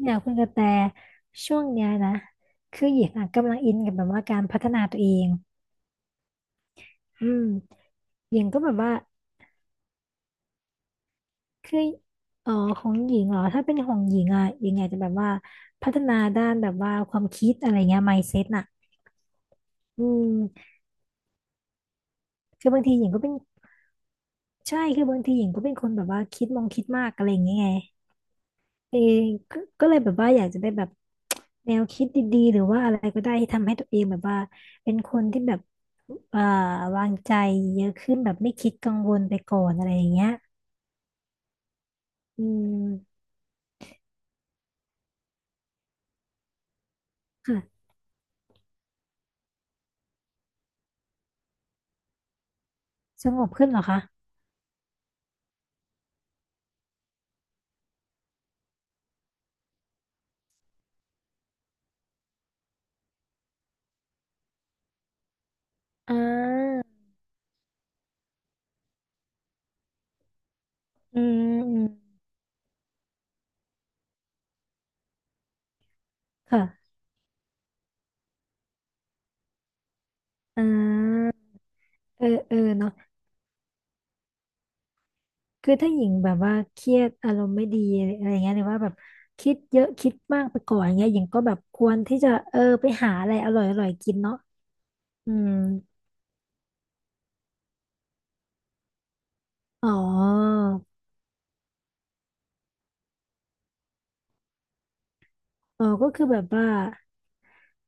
เนี่ยคุณกระแตช่วงเนี้ยนะคือหญิงอ่ะกำลังอินกับแบบว่าการพัฒนาตัวเองอืมหญิงก็แบบว่าคืออ๋อของหญิงเหรอถ้าเป็นของหญิงอ่ะหญิงอาจจะแบบว่าพัฒนาด้านแบบว่าความคิดอะไรเงี้ย mindset น่ะอืมคือบางทีหญิงก็เป็นใช่คือบางทีหญิงก็เป็นคนแบบว่าคิดมองคิดมากอะไรอย่างเงี้ยไง เองก็เลยแบบว่าอยากจะได้แบบ แนวคิดดีๆหรือว่าอะไรก็ได้ที่ทำให้ตัวเองแบบว่าเป็นคนที่แบบอ่าวางใจเยอะขึ้นแบบไม่คิดกังวลไปก่อนอะไรอย่างเงี้ยอืมค่ะสงบขึ้นเหรอคะอ่าอืมอืมค่ะอ่าเออเออเนาะคือถ้าหญิงแบบว่าเครียดอารมณ์ไม่ดีอะไรเงี้ยหรือว่าแบบคิดเยอะคิดมากไปก่อนอย่างเงี้ยหญิงก็แบบควรที่จะเออไปหาอะไรอร่อยๆกินเนาะอืม อ๋ออ๋อก็คือแบบว่า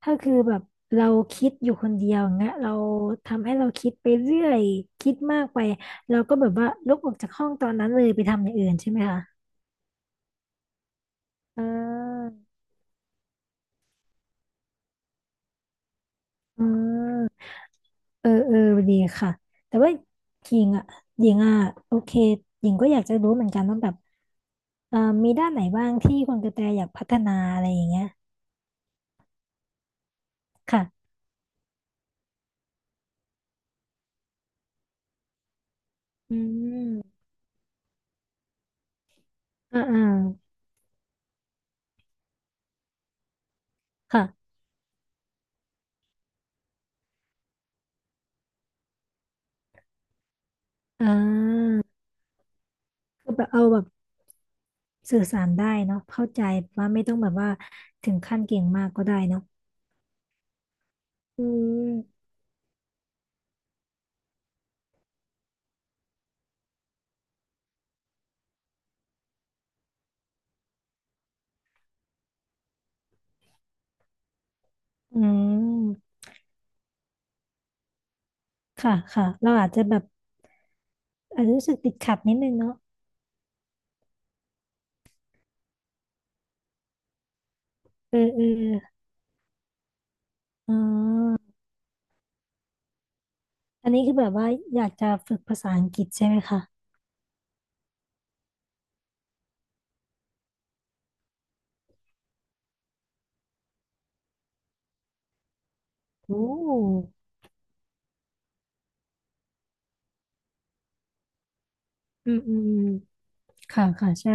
ถ้าคือแบบเราคิดอยู่คนเดียวอย่างเงี้ยเราทำให้เราคิดไปเรื่อยคิดมากไปเราก็แบบว่าลุกออกจากห้องตอนนั้นเลยไปทำอย่างอื่นใช่ไหมคะอ่าอืมเออเออดีค่ะแต่ว่าหญิงอ่ะหญิงอ่ะโอเคหญิงก็อยากจะรู้เหมือนกันว่าแบบเอ่อมีด้านไหนบ้างที่คุณกระแตอยากพัฒนาอะไรอย่างเงี้ยค่ะอืมอ่าอ่าค่ะอ่าคือแบบเอาแบบ สื่อสารได้เนาะเข้าใจว่าไม่ต้องแบบว่าถึงขั้นเก่งมากก็ได้เนาะอืมอืมค่ะค่ะเราอาจจะแบบอาจจะรู้สึกติดขัดนิดนึงเนาะเออเอออ๋ออันนี้คือแบบว่าอยากจะฝึกภาษาอังกฤษใช่ไหมคะโอ้อืมอืมอืมค่ะค่ะใช่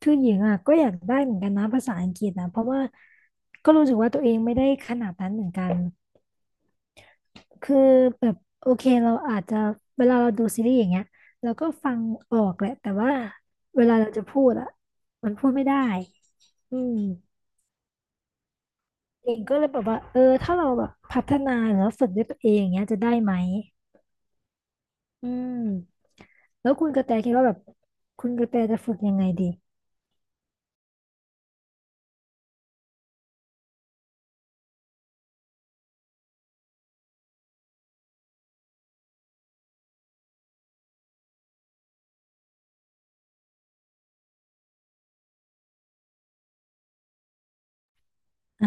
คือหญิงอ่ะก็อยากได้เหมือนกันนะภาษาอังกฤษนะเพราะว่าก็รู้สึกว่าตัวเองไม่ได้ขนาดนั้นเหมือนกัน คือแบบโอเคเราอาจจะเวลาเราดูซีรีส์อย่างเงี้ยเราก็ฟังออกแหละแต่ว่าเวลาเราจะพูดอะมันพูดไม่ได้อืมเองก็เลยแบบว่าเออถ้าเราแบบพัฒนาหรือว่าฝึกด้วยตัวเองอย่างเงี้ยจะได้ไหมอืมแล้วคุณกระแตคิดว่าแบบคุณกระแตจะฝึกยังไงดีอ่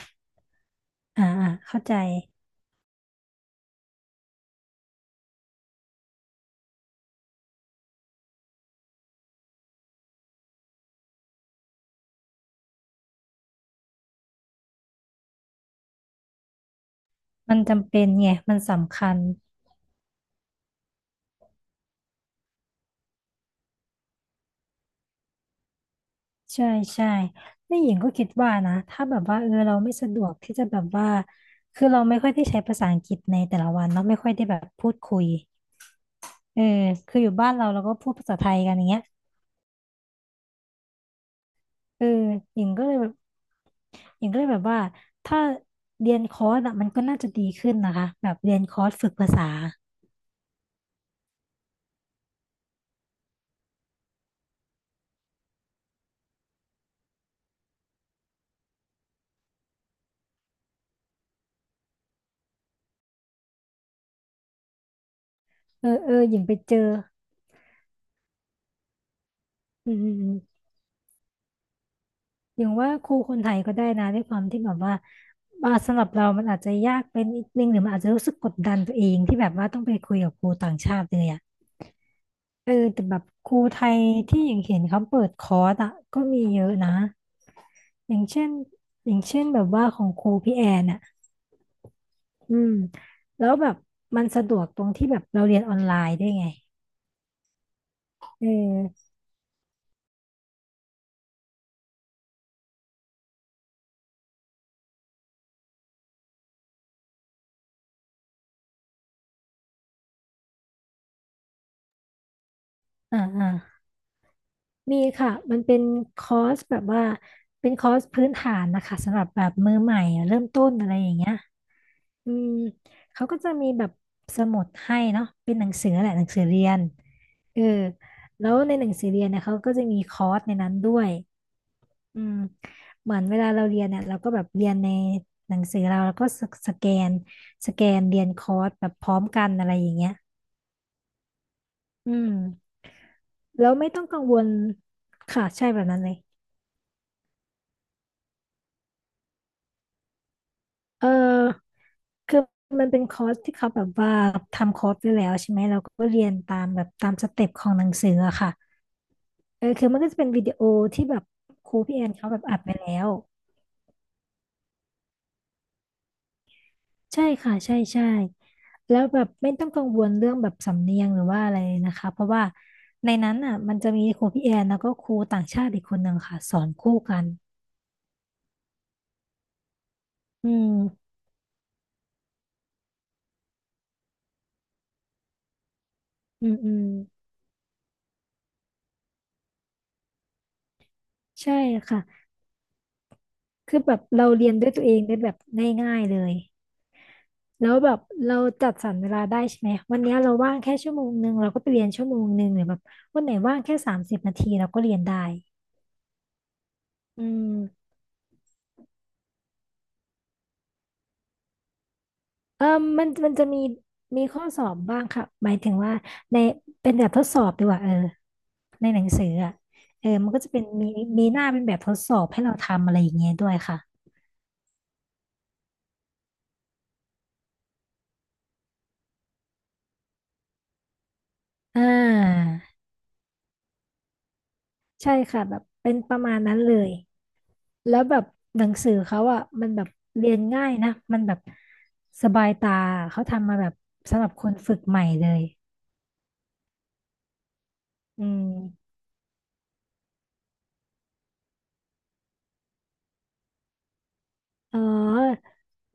าอ่าอ่าเข้าใจมันจำเป็นไงมันสำคัญ ใช่ใช่นี่หญิงก็คิดว่านะถ้าแบบว่าเออเราไม่สะดวกที่จะแบบว่าคือเราไม่ค่อยได้ใช้ภาษาอังกฤษในแต่ละวันเราะไม่ค่อยได้แบบพูดคุยเออคืออยู่บ้านเราเราก็พูดภาษาไทยกันอย่างเงี้ยเออหญิงก็เลยแบบหญิงก็เลยแบบว่าถ้าเรียนคอร์สอะมันก็น่าจะดีขึ้นนะคะแบบเรียนคอร์สฝึกภาษาเออเออหญิงไปเจออืม อย่างว่าครูคนไทยก็ได้นะด้วยความที่แบบว่าอ่าสำหรับเรามันอาจจะยากเป็นนิดนึงหรือมันอาจจะรู้สึกกดดันตัวเองที่แบบว่าต้องไปคุยกับครูต่างชาติเลยอ่ะเออแต่แบบครูไทยที่อย่างเห็นเขาเปิดคอร์สอ่ะก็มีเยอะนะอย่างเช่นอย่างเช่นแบบว่าของครูพี่แอนอ่ะอืมแล้วแบบมันสะดวกตรงที่แบบเราเรียนออนไลน์ด้วยไงเอออ่าอ่ามีค่ะมันเป็นคอร์สแบบว่าเป็นคอร์สพื้นฐานนะคะสำหรับแบบมือใหม่อะเริ่มต้นอะไรอย่างเงี้ย อืมเขาก็จะมีแบบสมุดให้เนาะเป็นหนังสือแหละหนังสือเรียนเออแล้วในหนังสือเรียนเนี่ยเขาก็จะมีคอร์สในนั้นด้วยอืมเหมือนเวลาเราเรียนเนี่ยเราก็แบบเรียนในหนังสือเราแล้วก็สแกนเรียนคอร์สแบบพร้อมกันอะไรอย่างเงี้ยอืมแล้วไม่ต้องกังวลค่ะใช่แบบนั้นเลยเออคือมันเป็นคอร์สที่เขาแบบว่าทำคอร์สไว้แล้วใช่ไหมเราก็เรียนตามแบบตามสเต็ปของหนังสืออะค่ะ เออคือมันก็จะเป็นวิดีโอที่แบบครูพี่แอนเขาแบบอัดไปแล้วใช่ค่ะใช่ใช่แล้วแบบไม่ต้องกังวลเรื่องแบบสำเนียงหรือว่าอะไรเลยนะคะเพราะว่าในนั้นอ่ะมันจะมีครูพี่แอนแล้วก็ครูต่างชาติอีกคนหนึ่งค่ะสอนคู่กันอืมอืมอืมใช่ค่ะคือแบบเราเรียนด้วยตัวเองได้แบบง่ายๆเลยแล้วแบบเราจัดสรรเวลาได้ใช่ไหมวันเนี้ยเราว่างแค่ชั่วโมงหนึ่งเราก็ไปเรียนชั่วโมงหนึ่งหรือแบบวันไหนว่างแค่สามสิบนาทีเราก็เรียนได้อืม เออมันจะมีมีข้อสอบบ้างค่ะหมายถึงว่าในเป็นแบบทดสอบดีกว่าเออในหนังสืออ่ะเออมันก็จะเป็นมีมีหน้าเป็นแบบทดสอบให้เราทำอะไรอย่างเงี้ยด้วยค่ะอ่าใช่ค่ะแบบเป็นประมาณนั้นเลยแล้วแบบหนังสือเขาอ่ะมันแบบเรียนง่ายนะมันแบบสบายตาเขาทำมาแบบสำหรับคนฝึกใหม่เลยอืม อ๋อ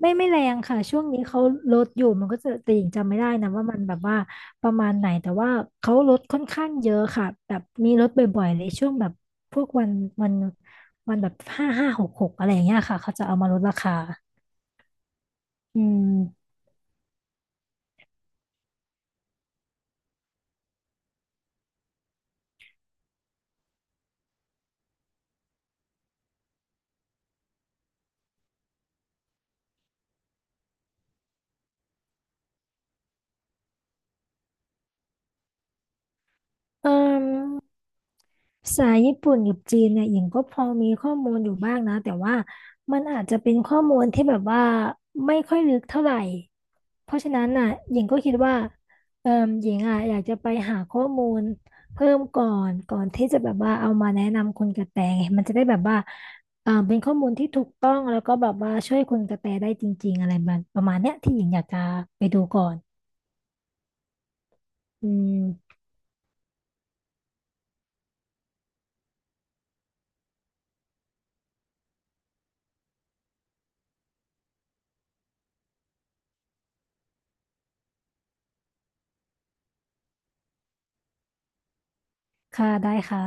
ไม่แรงค่ะช่วงนี้เขาลดอยู่มันก็จะแต่หญิงจำไม่ได้นะว่ามันแบบว่าประมาณไหนแต่ว่าเขาลดค่อนข้างเยอะค่ะแบบมีลดบ่อยๆเลยช่วงแบบพวกวันวันแบบห้าห้าหกหกอะไรอย่างเงี้ยค่ะเขาจะเอามาลดราคาอืมเออ ภาษาญี่ปุ่นกับจีนเนี่ยหญิงก็พอมีข้อมูลอยู่บ้างนะแต่ว่ามันอาจจะเป็นข้อมูลที่แบบว่าไม่ค่อยลึกเท่าไหร่เพราะฉะนั้นน่ะหญิงก็คิดว่าเออหญิงอ่ะอยากจะไปหาข้อมูลเพิ่มก่อนที่จะแบบว่าเอามาแนะนำคุณกระแตไงมันจะได้แบบว่าเออเป็นข้อมูลที่ถูกต้องแล้วก็แบบว่าช่วยคุณกระแตได้จริงๆอะไรแบบประมาณเนี้ยที่หญิงอยากจะไปดูก่อนอืมค่ะได้ค่ะ